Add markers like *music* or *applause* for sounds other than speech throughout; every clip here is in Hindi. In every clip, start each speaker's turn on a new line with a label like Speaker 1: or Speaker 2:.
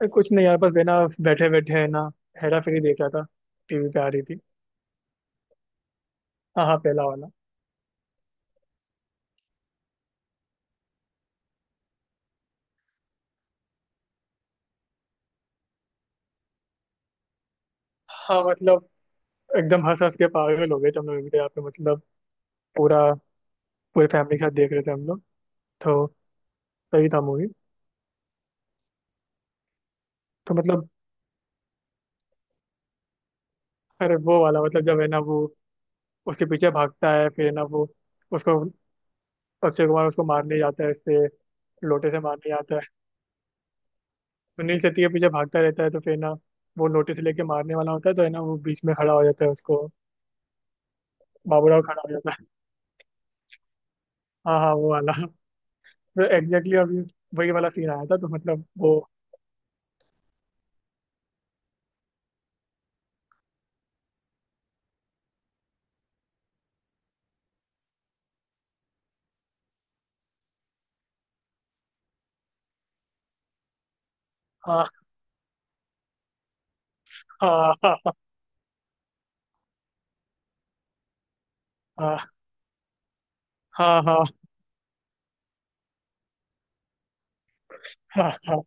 Speaker 1: अरे कुछ नहीं यार, बस है ना। बैठे बैठे है ना। हेरा फेरी देख रहा था। टीवी पे आ रही थी। हाँ हाँ, पहला वाला। हाँ मतलब, एकदम हंस हंस के पागल हो गए थे हम लोग भी यहाँ पे, मतलब पूरा, पूरे फैमिली के साथ देख रहे थे हम लोग। तो सही था मूवी। तो मतलब, अरे वो वाला, मतलब जब है ना वो उसके पीछे भागता है, फिर है ना वो उसको, अक्षय कुमार उसको मारने जाता है, इससे लोटे से मारने जाता है। सुनील शेट्टी के पीछे भागता रहता है तो फिर ना, वो लोटे से लेके मारने वाला होता है तो है ना, वो बीच में खड़ा हो जाता है उसको, बाबूराव खड़ा हो जाता है। हाँ हाँ, वो वाला। एग्जैक्टली। अभी वही वाला सीन आया था तो मतलब वो, हाँ हाँ हाँ। हाँ हाँ हाँ। हाँ हाँ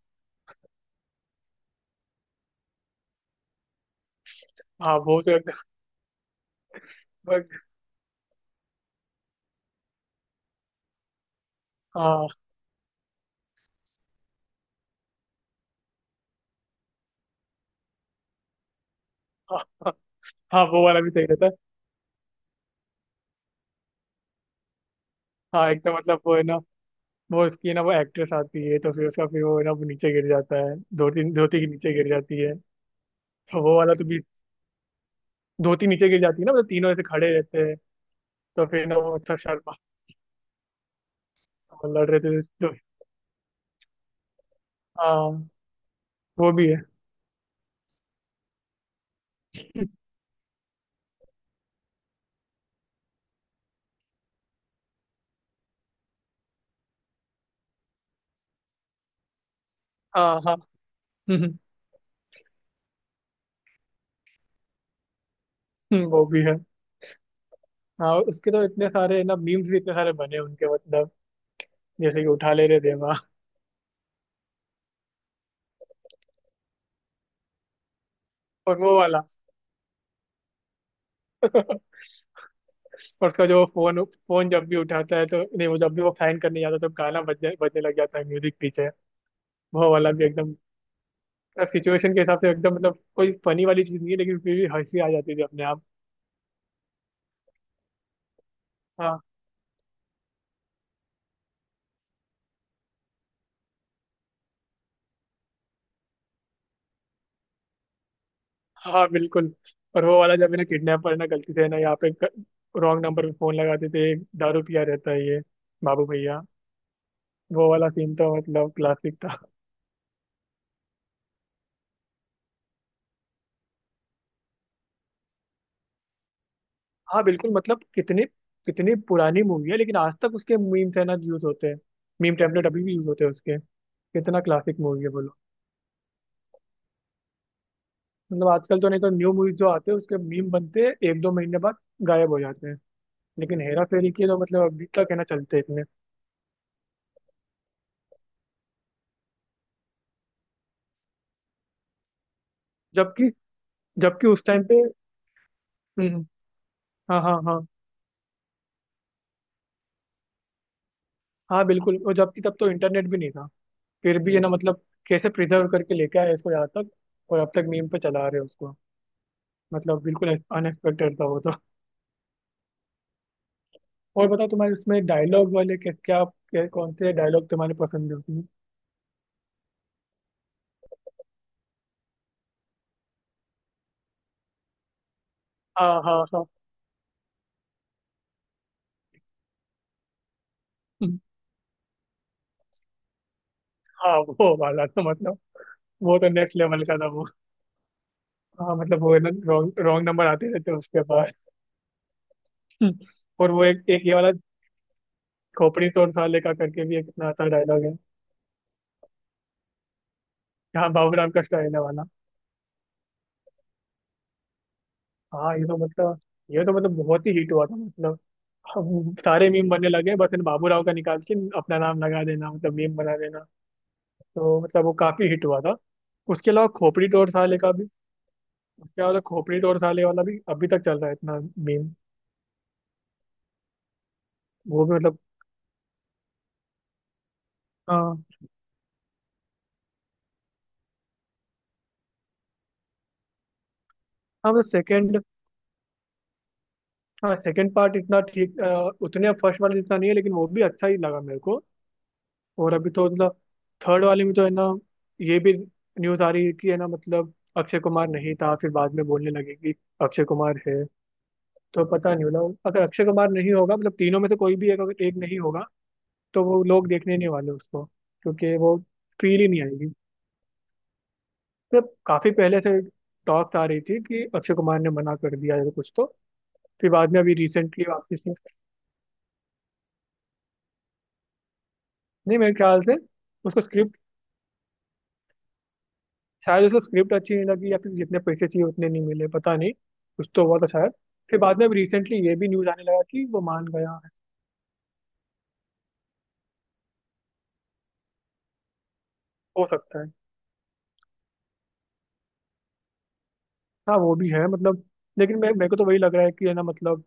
Speaker 1: हाँ, वो तो एकदम। हाँ हाँ हाँ। हाँ, वो वाला भी सही रहता है। हाँ एकदम, मतलब वो है ना, वो उसकी है ना वो एक्ट्रेस आती है तो फिर उसका, फिर वो है ना, वो नीचे गिर जाता है, धोती धोती के नीचे गिर जाती है। तो वो वाला तो भी, धोती नीचे गिर जाती है ना, मतलब तीनों ऐसे खड़े रहते हैं। तो फिर ना वो उसका शर्मा, लड़ रहे थे तो। हाँ, वो भी है। हाँ हाँ। हम्म। वो भी है। हाँ, उसके तो इतने सारे ना मीम्स भी इतने सारे बने उनके, मतलब जैसे कि उठा ले रे देवा। और वो वाला। *laughs* और उसका जो फोन फोन जब भी उठाता है तो, नहीं वो जब भी वो फैन करने जाता है तो गाना बजने बजने लग जाता है, म्यूजिक पीछे। वो वाला भी एकदम सिचुएशन के हिसाब से एकदम, मतलब कोई फनी वाली चीज नहीं है लेकिन फिर भी हंसी आ जाती थी अपने आप। हाँ हाँ बिल्कुल। और वो वाला जब है ना, किडनैपर ना गलती से है ना, यहाँ पे रॉन्ग नंबर पे फोन लगा देते हैं, दारू पिया रहता है ये बाबू भैया। वो वाला सीन तो मतलब क्लासिक था। हाँ बिल्कुल, मतलब कितनी, कितनी पुरानी मूवी है लेकिन आज तक उसके मीम्स है ना यूज होते हैं। मीम टेम्पलेट अभी भी यूज होते हैं उसके, कितना क्लासिक मूवी है बोलो। मतलब आजकल तो नहीं तो, न्यू मूवीज जो आते हैं उसके मीम बनते हैं, एक दो महीने बाद गायब हो जाते हैं। लेकिन हेरा फेरी के तो मतलब अभी तक है ना चलते इतने। जबकि, जबकि उस टाइम पे। हम्म। हाँ हाँ हाँ। हाँ बिल्कुल, और जबकि तब तो इंटरनेट भी नहीं था। फिर भी है ना, मतलब कैसे प्रिजर्व करके लेके आए इसको यहाँ तक, और अब तक मीम पे चला रहे हैं उसको। मतलब बिल्कुल अनएक्सपेक्टेड था वो तो। और बताओ तुम्हारे उसमें डायलॉग वाले के क्या कौन से डायलॉग तुम्हारे पसंद है उसमें। हाँ हाँ हाँ। हाँ वो वाला तो मतलब, वो तो नेक्स्ट लेवल का था वो। हाँ मतलब, वो है ना रॉन्ग रॉन्ग नंबर आते रहते हैं उसके बाद। *laughs* और वो एक एक ये वाला, खोपड़ी तोड़ साले का करके भी एक इतना अच्छा डायलॉग है। यहाँ बाबूराम का स्टाइल है वाला। हाँ ये तो मतलब, ये तो मतलब बहुत ही हिट हुआ था, मतलब हम सारे मीम बनने लगे, बस इन बाबूराव का निकाल के अपना नाम लगा देना, मतलब मीम बना देना। तो मतलब वो काफी हिट हुआ था। उसके अलावा खोपड़ी तोड़ साले का भी, उसके बाद तो खोपड़ी तोड़ साले वाला भी अभी तक चल रहा है, इतना मीम। वो भी मतलब, हाँ हाँ मतलब सेकंड, हाँ सेकंड पार्ट इतना ठीक उतने फर्स्ट वाले जितना नहीं है लेकिन वो भी अच्छा ही लगा मेरे को। और अभी तो मतलब थर्ड वाले में तो है ना, ये भी न्यूज़ आ रही है कि है ना, मतलब अक्षय कुमार नहीं था, फिर बाद में बोलने लगे कि अक्षय कुमार है। तो पता नहीं मतलब, अगर अक्षय कुमार नहीं होगा मतलब, तीनों में से कोई भी एक अगर एक नहीं होगा तो वो लोग देखने नहीं वाले उसको, क्योंकि वो फील ही नहीं आएगी। जब काफी पहले से टॉक्स आ रही थी कि अक्षय कुमार ने मना कर दिया या कुछ तो, फिर बाद में अभी रिसेंटली वापस से। नहीं मेरे ख्याल से, उसको स्क्रिप्ट, शायद उसको स्क्रिप्ट अच्छी नहीं लगी या फिर जितने पैसे चाहिए उतने नहीं मिले, पता नहीं। कुछ तो हुआ था शायद। फिर बाद में अभी रिसेंटली ये भी न्यूज आने लगा कि वो मान गया है। हो सकता है। हाँ वो भी है, मतलब लेकिन मैं, मेरे को तो वही लग रहा है कि है ना, मतलब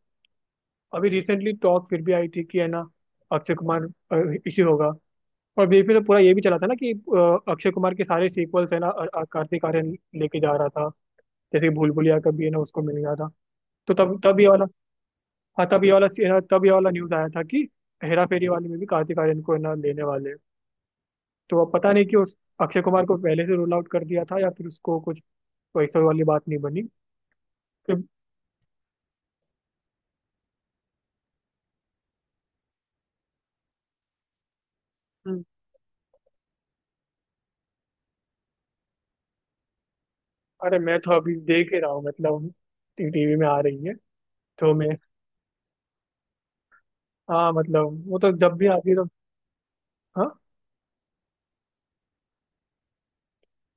Speaker 1: अभी रिसेंटली टॉक फिर भी आई थी कि है ना, अक्षय कुमार इश्यू होगा। और बीच में तो पूरा ये भी चला था ना कि अक्षय कुमार के सारे सीक्वल्स है ना, कार्तिक आर्यन लेके जा रहा था, जैसे कि भूल भुलैया कभी है ना उसको मिल गया था। तो तब तब ये वाला, हाँ तब ये वाला है ना, तब ये वाला न्यूज आया था कि हेरा फेरी वाले में भी कार्तिक आर्यन को है ना लेने वाले हैं। तो अब पता नहीं कि उस अक्षय कुमार को पहले से रूल आउट कर दिया था या फिर उसको कुछ वैसा वाली बात नहीं बनी। तो हम्म। अरे मैं तो अभी देख ही रहा हूँ मतलब, टीवी में आ रही है। तो मैं, हाँ मतलब वो तो जब भी आती है तो। हाँ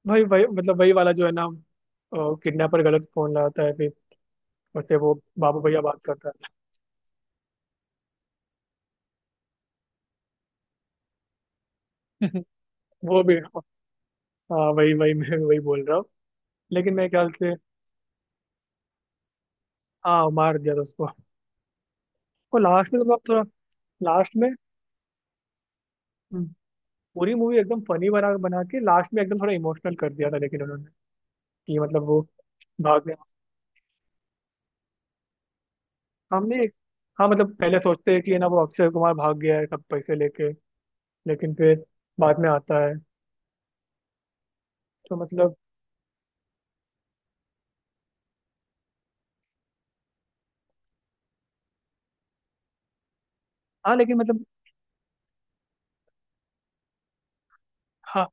Speaker 1: भाई वही, मतलब वही वाला जो है ना, किडनैपर गलत फोन लगाता है, फिर उससे वो बाबू भैया बात करता है। वो भी। हाँ वही वही, मैं भी वही बोल रहा हूँ, लेकिन मेरे ख्याल से। हाँ मार दिया था उसको। और लास्ट में तो मतलब थोड़ा, लास्ट में, हम्म, पूरी मूवी एकदम फनी बना बना के लास्ट में एकदम थोड़ा इमोशनल कर दिया था लेकिन उन्होंने, कि मतलब वो भाग गया, हमने, हाँ मतलब पहले सोचते हैं कि है ना वो अक्षय कुमार भाग गया है सब पैसे लेके, लेकिन फिर बाद में आता है। तो मतलब। हाँ लेकिन मतलब। हाँ।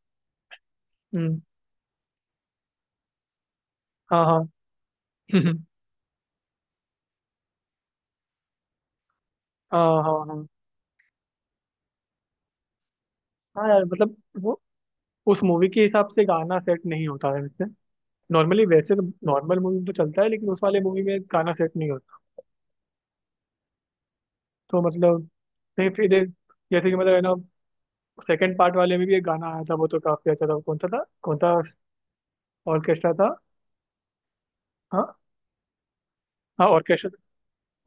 Speaker 1: हम्म। हाँ हाँ। *laughs* हाँ हाँ हाँ। हाँ यार मतलब, वो उस मूवी के हिसाब से गाना सेट नहीं होता है वैसे, नॉर्मली वैसे तो, नॉर्मल मूवी में तो चलता है लेकिन उस वाले मूवी में गाना सेट नहीं होता। तो मतलब, नहीं फिर एक- जैसे कि मतलब है ना, सेकंड पार्ट वाले में भी एक गाना आया था, वो तो काफी अच्छा था। वो कौन सा था, कौन सा ऑर्केस्ट्रा था। हाँ हाँ ऑर्केस्ट्रा।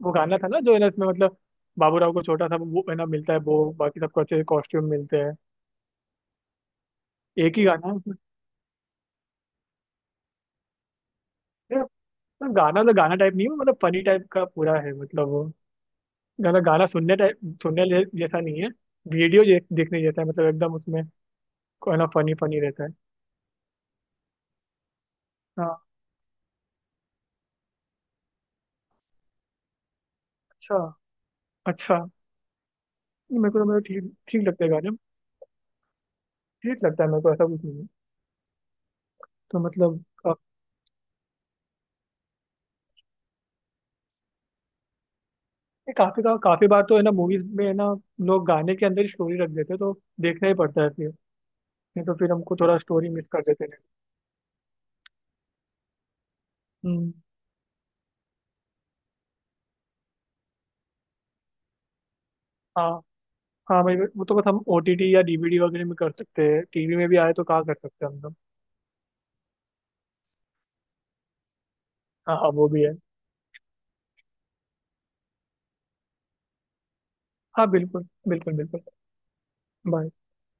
Speaker 1: वो गाना था ना जो है ना इसमें, मतलब बाबू राव को छोटा सा वो है ना मिलता है, वो बाकी सबको अच्छे कॉस्ट्यूम मिलते हैं। एक ही गाना है उसमें। यार मतलब गाना तो गाना टाइप नहीं है, मतलब फनी टाइप का पूरा है, मतलब वो गाना, गाना सुनने टाइप जैसा नहीं है, वीडियो देखने जैसा है, मतलब एकदम उसमें कोई ना फनी फनी रहता है। हाँ। अच्छा अच्छा। मेरे को तो, मेरे को ठीक ठीक लगता है गाने। ठीक लगता है मेरे को, ऐसा कुछ नहीं है। तो मतलब ये काफी काफी बार तो है ना मूवीज में है ना, लोग गाने के अंदर ही स्टोरी रख देते हैं तो देखना ही पड़ता है फिर, नहीं तो फिर हमको थोड़ा स्टोरी मिस कर देते हैं। हम्म। हाँ। हाँ भाई वो तो बस हम ओटीटी या डीवीडी वगैरह में कर सकते हैं, टीवी में भी आए तो कहाँ कर सकते हैं हम लोग। हाँ हाँ वो भी है। हाँ बिल्कुल बिल्कुल बिल्कुल। Bye।